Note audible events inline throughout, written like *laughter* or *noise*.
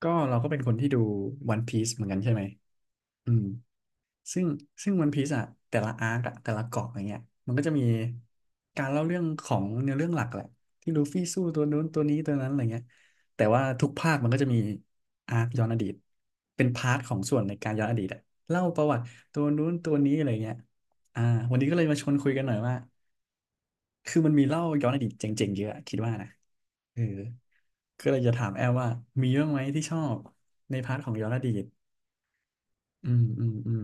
ก็เราก็เป็นคนที่ดู One p i e c e เหมือนกันใช่ไหมอืมซึ่งซึ่ง One p i e c e อ่ะแต่ละอาร์กอะแต่ละเกาะอย่างเงี้ยมันก็จะมีการเล่าเรื่องของเนื้อเรื่องหลักแหละที่ลูฟี่สู้ตัวนู้นตัวนี้ตัวนั้นอะไรเงี้ยแต่ว่าทุกภาคมันก็จะมีอาร์กย้อนอดีตเป็นพาร์ทของส่วนในการย้อนอดีตอะเล่าประวัติตัวนู้นตัวนี้อะไรเงี้ยอ่าวันนี้ก็เลยมาชวนคุยกันหน่อยว่าคือมันมีเล่าย้อนอดีตเจ๋งๆเยอะอะคิดว่านะเออก็เลยจะถามแอลว่ามีบ้างไหมที่ชอบในพาร์ทของย้อนอดีต อืมอืมอืม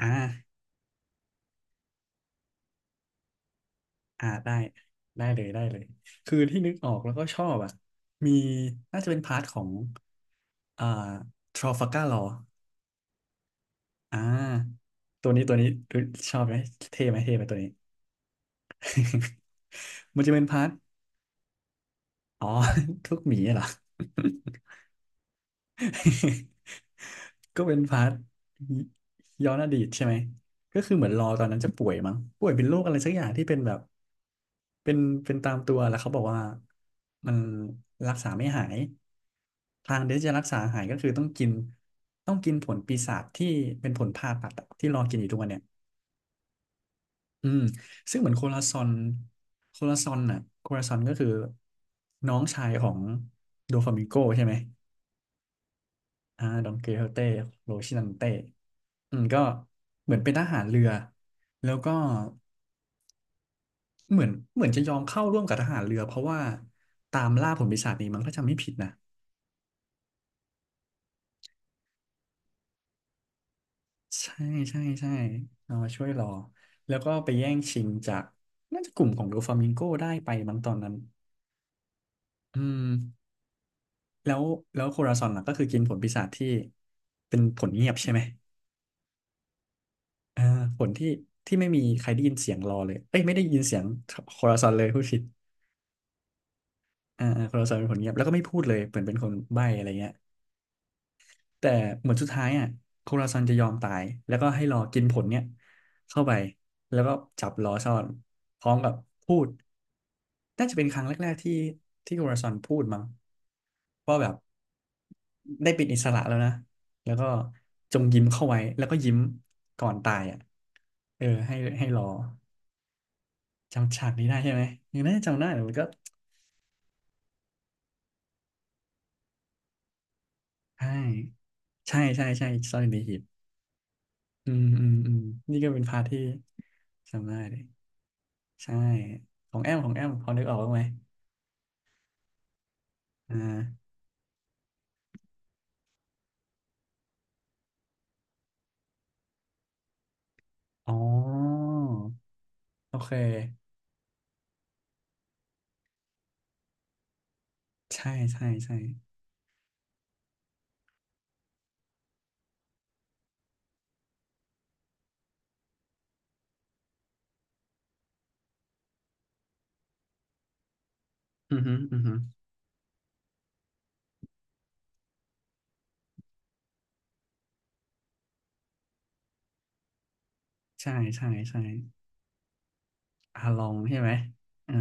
อ่าอ่าได้ได้เลยได้เลยคือที่นึกออกแล้วก็ชอบอ่ะมีน่าจะเป็นพาร์ทของอ่าทร a ฟัลการ์ลออ่าตัวนี้ตัวนี้ชอบไหมเท่ไหมเท่ไหมตัวนี้ *laughs* มันจะเป็นพาร์ทอ๋อ *laughs* ทุกหมีเหรอ *laughs* *laughs* ก็เป็นพาร์ทย้อนอดีตใช่ไหมก็คือเหมือนรอตอนนั้นจะป่วยมั้งป่วยเป็นโรคอะไรสักอย่างที่เป็นแบบเป็นเป็นตามตัวแล้วเขาบอกว่ามันรักษาไม่หายทางเดียวจะรักษาหายก็คือต้องกินต้องกินผลปีศาจที่เป็นผลผ่าตัดอะที่รอกินอยู่ทุกวันเนี่ยอืมซึ่งเหมือนโคลาซอนโคลาซอนน่ะโคลาซอนก็คือน้องชายของโดฟามิงโกใช่ไหมอ่าดองเกลเฮเต้โรชินันเต้ อืมก็เหมือนเป็นทหารเรือแล้วก็เหมือนเหมือนจะยอมเข้าร่วมกับทหารเรือเพราะว่าตามล่าผลปีศาจนี้มั้งถ้าจำไม่ผิดนะใช่ใช่ใช่เอามาช่วยรอแล้วก็ไปแย่งชิงจากน่าจะกลุ่มของโดฟามิงโกได้ไปมั้งตอนนั้นอืมแล้วแล้วโคราซอนล่ะก็คือกินผลปีศาจที่เป็นผลเงียบใช่ไหมอ่าผลที่ที่ไม่มีใครได้ยินเสียงรอเลยเอ้ยไม่ได้ยินเสียงโคราซอนเลยพูดผิดอ่าอ่าโคราซอนเป็นผลเงียบแล้วก็ไม่พูดเลยเหมือนเป็นคนใบ้อะไรเงี้ย แต่เหมือนสุดท้ายอ่ะโคราซันจะยอมตายแล้วก็ให้รอกินผลเนี่ยเข้าไปแล้วก็จับล้อซ่อนพร้อมกับพูดน่าจะเป็นครั้งแรกๆที่ที่โคราซันพูดมั้งว่าแบบได้เป็นอิสระแล้วนะแล้วก็จงยิ้มเข้าไว้แล้วก็ยิ้มก่อนตายอ่ะเออให้ให้รอจำฉากนี้ได้ใช่ไหมยังน่าจะจำได้แต่มันก็ใช่ใช่ใช่ใช่ซ่อนในหีบอืมอืมอืมนี่ก็เป็นพาร์ทที่จำได้เลย ใช่ของแอมของแอมพอนึกออกบ้างไหมอ่าอ๋อโอเคใช่ใช่ใช่อือฮึอือฮึใช่ใช่ใช่อาลองใช่ไหมอ่า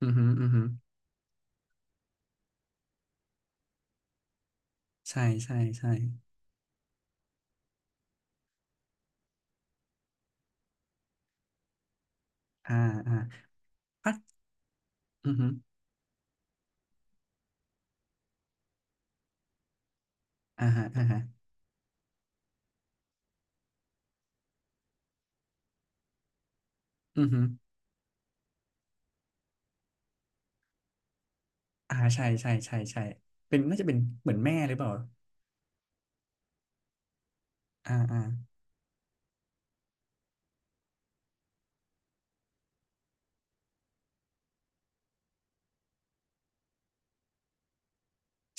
อือฮึอือฮึใช่ใช่ใช่อ่าอ่าอ่ะอือฮึอ่าฮะอ่าฮะอือฮึอ่าใช่ใช่ใช่ใช่เป็นน่าจะเป็นเหมือนแม่หรือเปล่าอ่าอ่า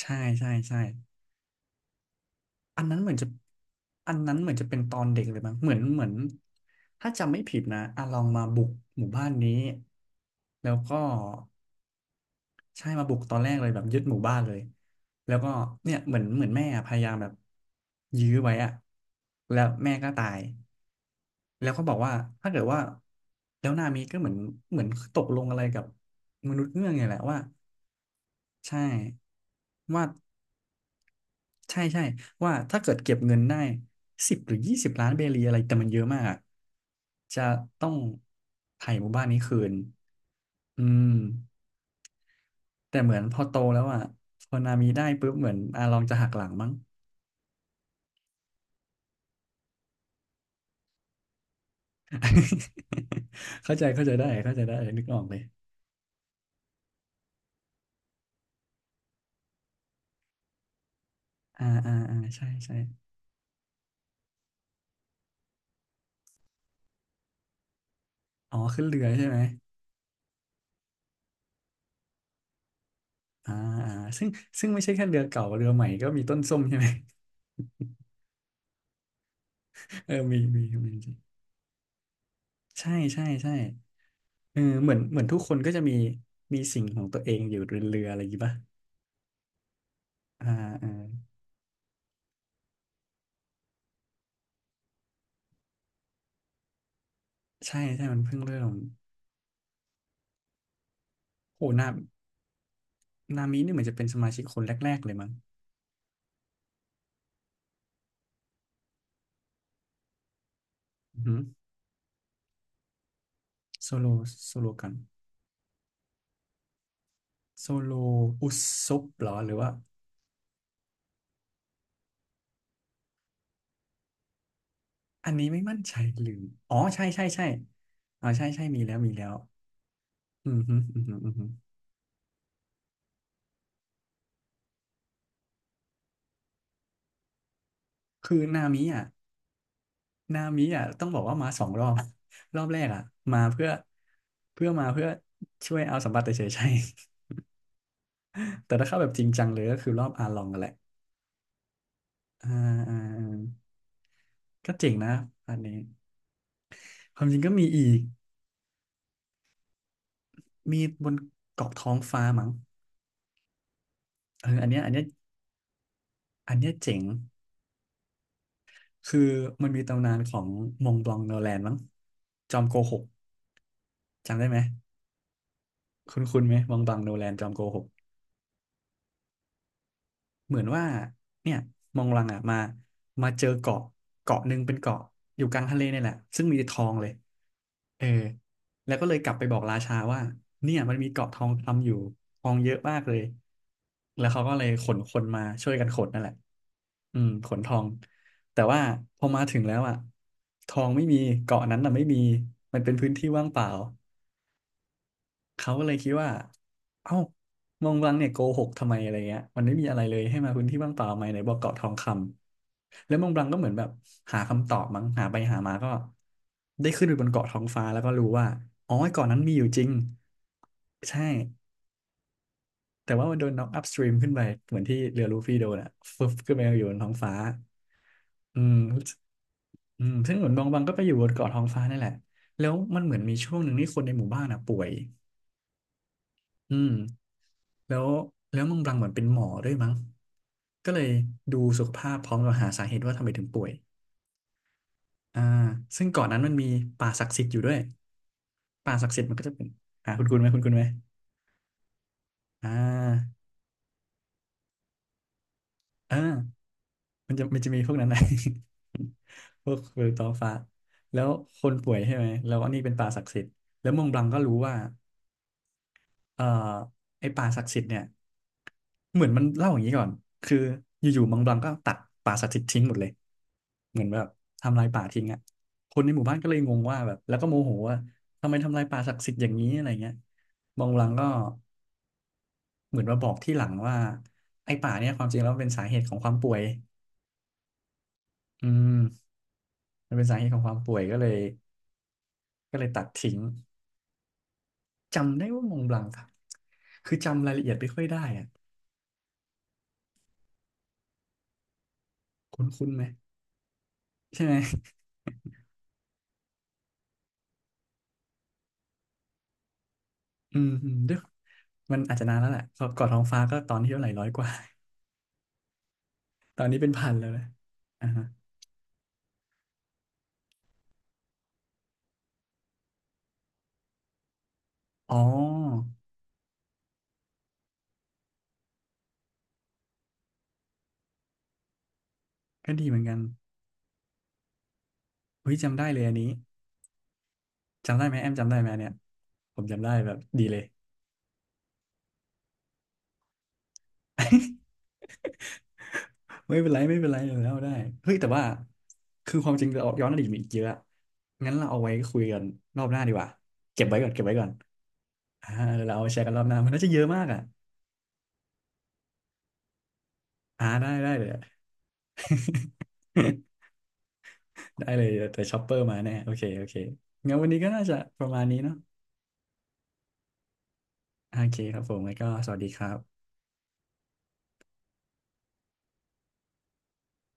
ใช่ใช่ใช่ อันนั้นเหมือนจะอันนั้นเหมือนจะเป็นตอนเด็กเลยมั้งเหมือนเหมือนถ้าจำไม่ผิดนะอาลองมาบุกหมู่บ้านนี้แล้วก็ใช่มาบุกตอนแรกเลยแบบยึดหมู่บ้านเลยแล้วก็เนี่ยเหมือนเหมือนแม่พยายามแบบยื้อไว้อะแล้วแม่ก็ตายแล้วก็บอกว่าถ้าเกิดว่าแล้วนามิก็เหมือนเหมือนตกลงอะไรกับมนุษย์เงือกไงแหละว่าใช่ว่า ใช่ใช่ว่าถ้าเกิดเก็บเงินได้10 หรือ 20 ล้านเบรีอะไรแต่มันเยอะมากอะจะต้องไถ่หมู่บ้านนี้คืนอืมแต่เหมือนพอโตแล้วอ่ะพอนามีได้ปุ๊บเหมือนอาลองจะหักหลังมั้ง *laughs* เข้าใจเข้าใจได้เข้าใจได้ นึกออกเลยอ่าอ่าอ่าใช่ใช่อ๋อขึ้นเรือใช่ไหมอ่าอ่าซึ่งซึ่งไม่ใช่แค่เรือเก่าเรือใหม่ก็มีต้นส้มใช่ไหม *laughs* เออมีมีมีใช่ใช่ใช่ เออเหมือนเหมือนทุกคนก็จะมีมีสิ่งของตัวเองอยู่เรือๆอะไรอย่างงี้ป่ะอ่าอ่าใช่ใช่มันเพิ่งเริ่มโหนานามินี่เหมือนจะเป็นสมาชิกคนแรกๆเลยมั้งอือหือโซโลโซโลกันโซโลอุซบเหรอหรือว่าอันนี้ไม่มั่นใจลืมอ๋อใช่ใช่ใช่อ๋อใช่ใช่มีแล้วมีแล้วอือหืออือหืออือหือคือนามิอ่ะนามิอ่ะต้องบอกว่ามาสองรอบ *laughs* รอบแรกอ่ะมาเพื่อเพื่อมาเพื่อช่วยเอาสมบัติเฉยๆใช่ แต่ถ้าเข้าแบบจริงจังเลยก็คือรอบอาลองกันแหละอ่าอ่าอ่า ก็เจ๋งนะอันนี้ความจริงก็มีอีกมีบนเกาะท้องฟ้ามั้งเอออันเนี้ยอันเนี้ยอันเนี้ยเจ๋งคือมันมีตำนานของมงบลองโนแลนมั้งจอมโกหกจำได้ไหมคุณคุณไหมมองบลังโนแลนจอมโกหกเหมือนว่าเนี่ยมองบลังอ่ะมามาเจอเกาะเกาะหนึ่งเป็นเกาะอยู่กลางทะเลนี่แหละซึ่งมีแต่ทองเลย เออแล้วก็เลยกลับไปบอกราชาว่าเนี่ยมันมีเกาะทองคำอยู่ทองเยอะมากเลยแล้วเขาก็เลยขนคนมาช่วยกันขนนั่นแหละอืมขนทองแต่ว่าพอมาถึงแล้วอ่ะทองไม่มีเกาะนั้นน่ะไม่มีมันเป็นพื้นที่ว่างเปล่า เขาก็เลยคิดว่า เอ้ามองวังเนี่ยโกหกทำไมอะไรเงี้ยมันไม่มีอะไรเลยให้มาพื้นที่ว่างเปล่าไหมไหนบอกเกาะทองคำแล้วมองบลังก็เหมือนแบบหาคำตอบมั้งหาไปหามาก็ได้ขึ้นไปบนเกาะท้องฟ้าแล้วก็รู้ว่าอ๋อไอ้เกาะนั้นมีอยู่จริง ใช่แต่ว่ามันโดนน็อกอัพสตรีมขึ้นไป เหมือนที่เรือลูฟี่โดนอะฟึบขึ้นไปอยู่บนท้องฟ้าอืมอืมซึ่งเหมือนบองบังก็ไปอยู่บนเกาะท้องฟ้านั่นแหละแล้วมันเหมือนมีช่วงหนึ่งที่คนในหมู่บ้านอะป่วยอืม แล้วแล้วมองบลังเหมือนเป็นหมอด้วยมั้งก็เลยดูสุขภาพพร้อมกับหาสาเหตุว่าทำไมถึงป่วยอ่าซึ่งก่อนนั้นมันมีป่าศักดิ์สิทธิ์อยู่ด้วยป่าศักดิ์สิทธิ์มันก็จะเป็นอ่าคุณคุณไหมคุณคุณไหมอ่าเออมันจะมีพวกนั้นนะ *laughs* พวกเวลตอฟ้าแล้วคนป่วยใช่ไหมแล้วอันนี้เป็นป่าศักดิ์สิทธิ์แล้วมองบลังก็รู้ว่าเอ่อไอ้ป่าศักดิ์สิทธิ์เนี่ย เหมือนมันเล่าอย่างนี้ก่อนคืออยู่ๆมังบลังก็ตัดป่าสถิตทิ้งหมดเลยเหมือนแบบทำลายป่าทิ้งอ่ะคนในหมู่บ้านก็เลยงงว่าแบบแล้วก็โมโหว่าทำไมทำลายป่าศักดิ์สิทธิ์อย่างนี้อะไรเงี้ยมังบลังก็เหมือนมาบอกที่หลังว่าไอ้ป่าเนี่ยความจริงแล้วมันเป็นสาเหตุของความป่วยอืมมันเป็นสาเหตุของความป่วยก็เลยตัดทิ้งจำได้ว่ามังบลังครับคือจำรายละเอียดไม่ค่อยได้อ่ะคุ้นคุ้นไหมใช่ไหม *laughs* อืมอืมด้วยมันอาจจะนานแล้วแหละก่อนท้องฟ้าก็ตอนที่เท่าไหร่ร้อยกว่า ตอนนี้เป็นพันแล้วนะอ่าฮะอ๋อก็ดีเหมือนกันเฮ้ยจำได้เลยอันนี้จำได้ไหมแอมจำได้ไหมอันเนี่ยผมจำได้แบบดีเลยไม่เป็นไรไม่เป็นไรแล้วได้เฮ้ยแต่ว่า คือความจริงเราย้อนอดีตมีอีกเยอะงั้นเราเอาไว้คุยกันรอบหน้าดีกว่าเก็บไว้ก่อนเก็บไว้ก่อนอ่าเดี๋ยวเราเอามาแชร์กันรอบหน้ามันน่าจะเยอะมากอ่ะอ่าได้ได้เลย *laughs* ได้เลยแต่ช็อปเปอร์มาแน่โอเคโอเคงั้นวันนี้ก็น่าจะประมาณนี้เนาะโอเคครับผมแล้วก็สวัสดีครับ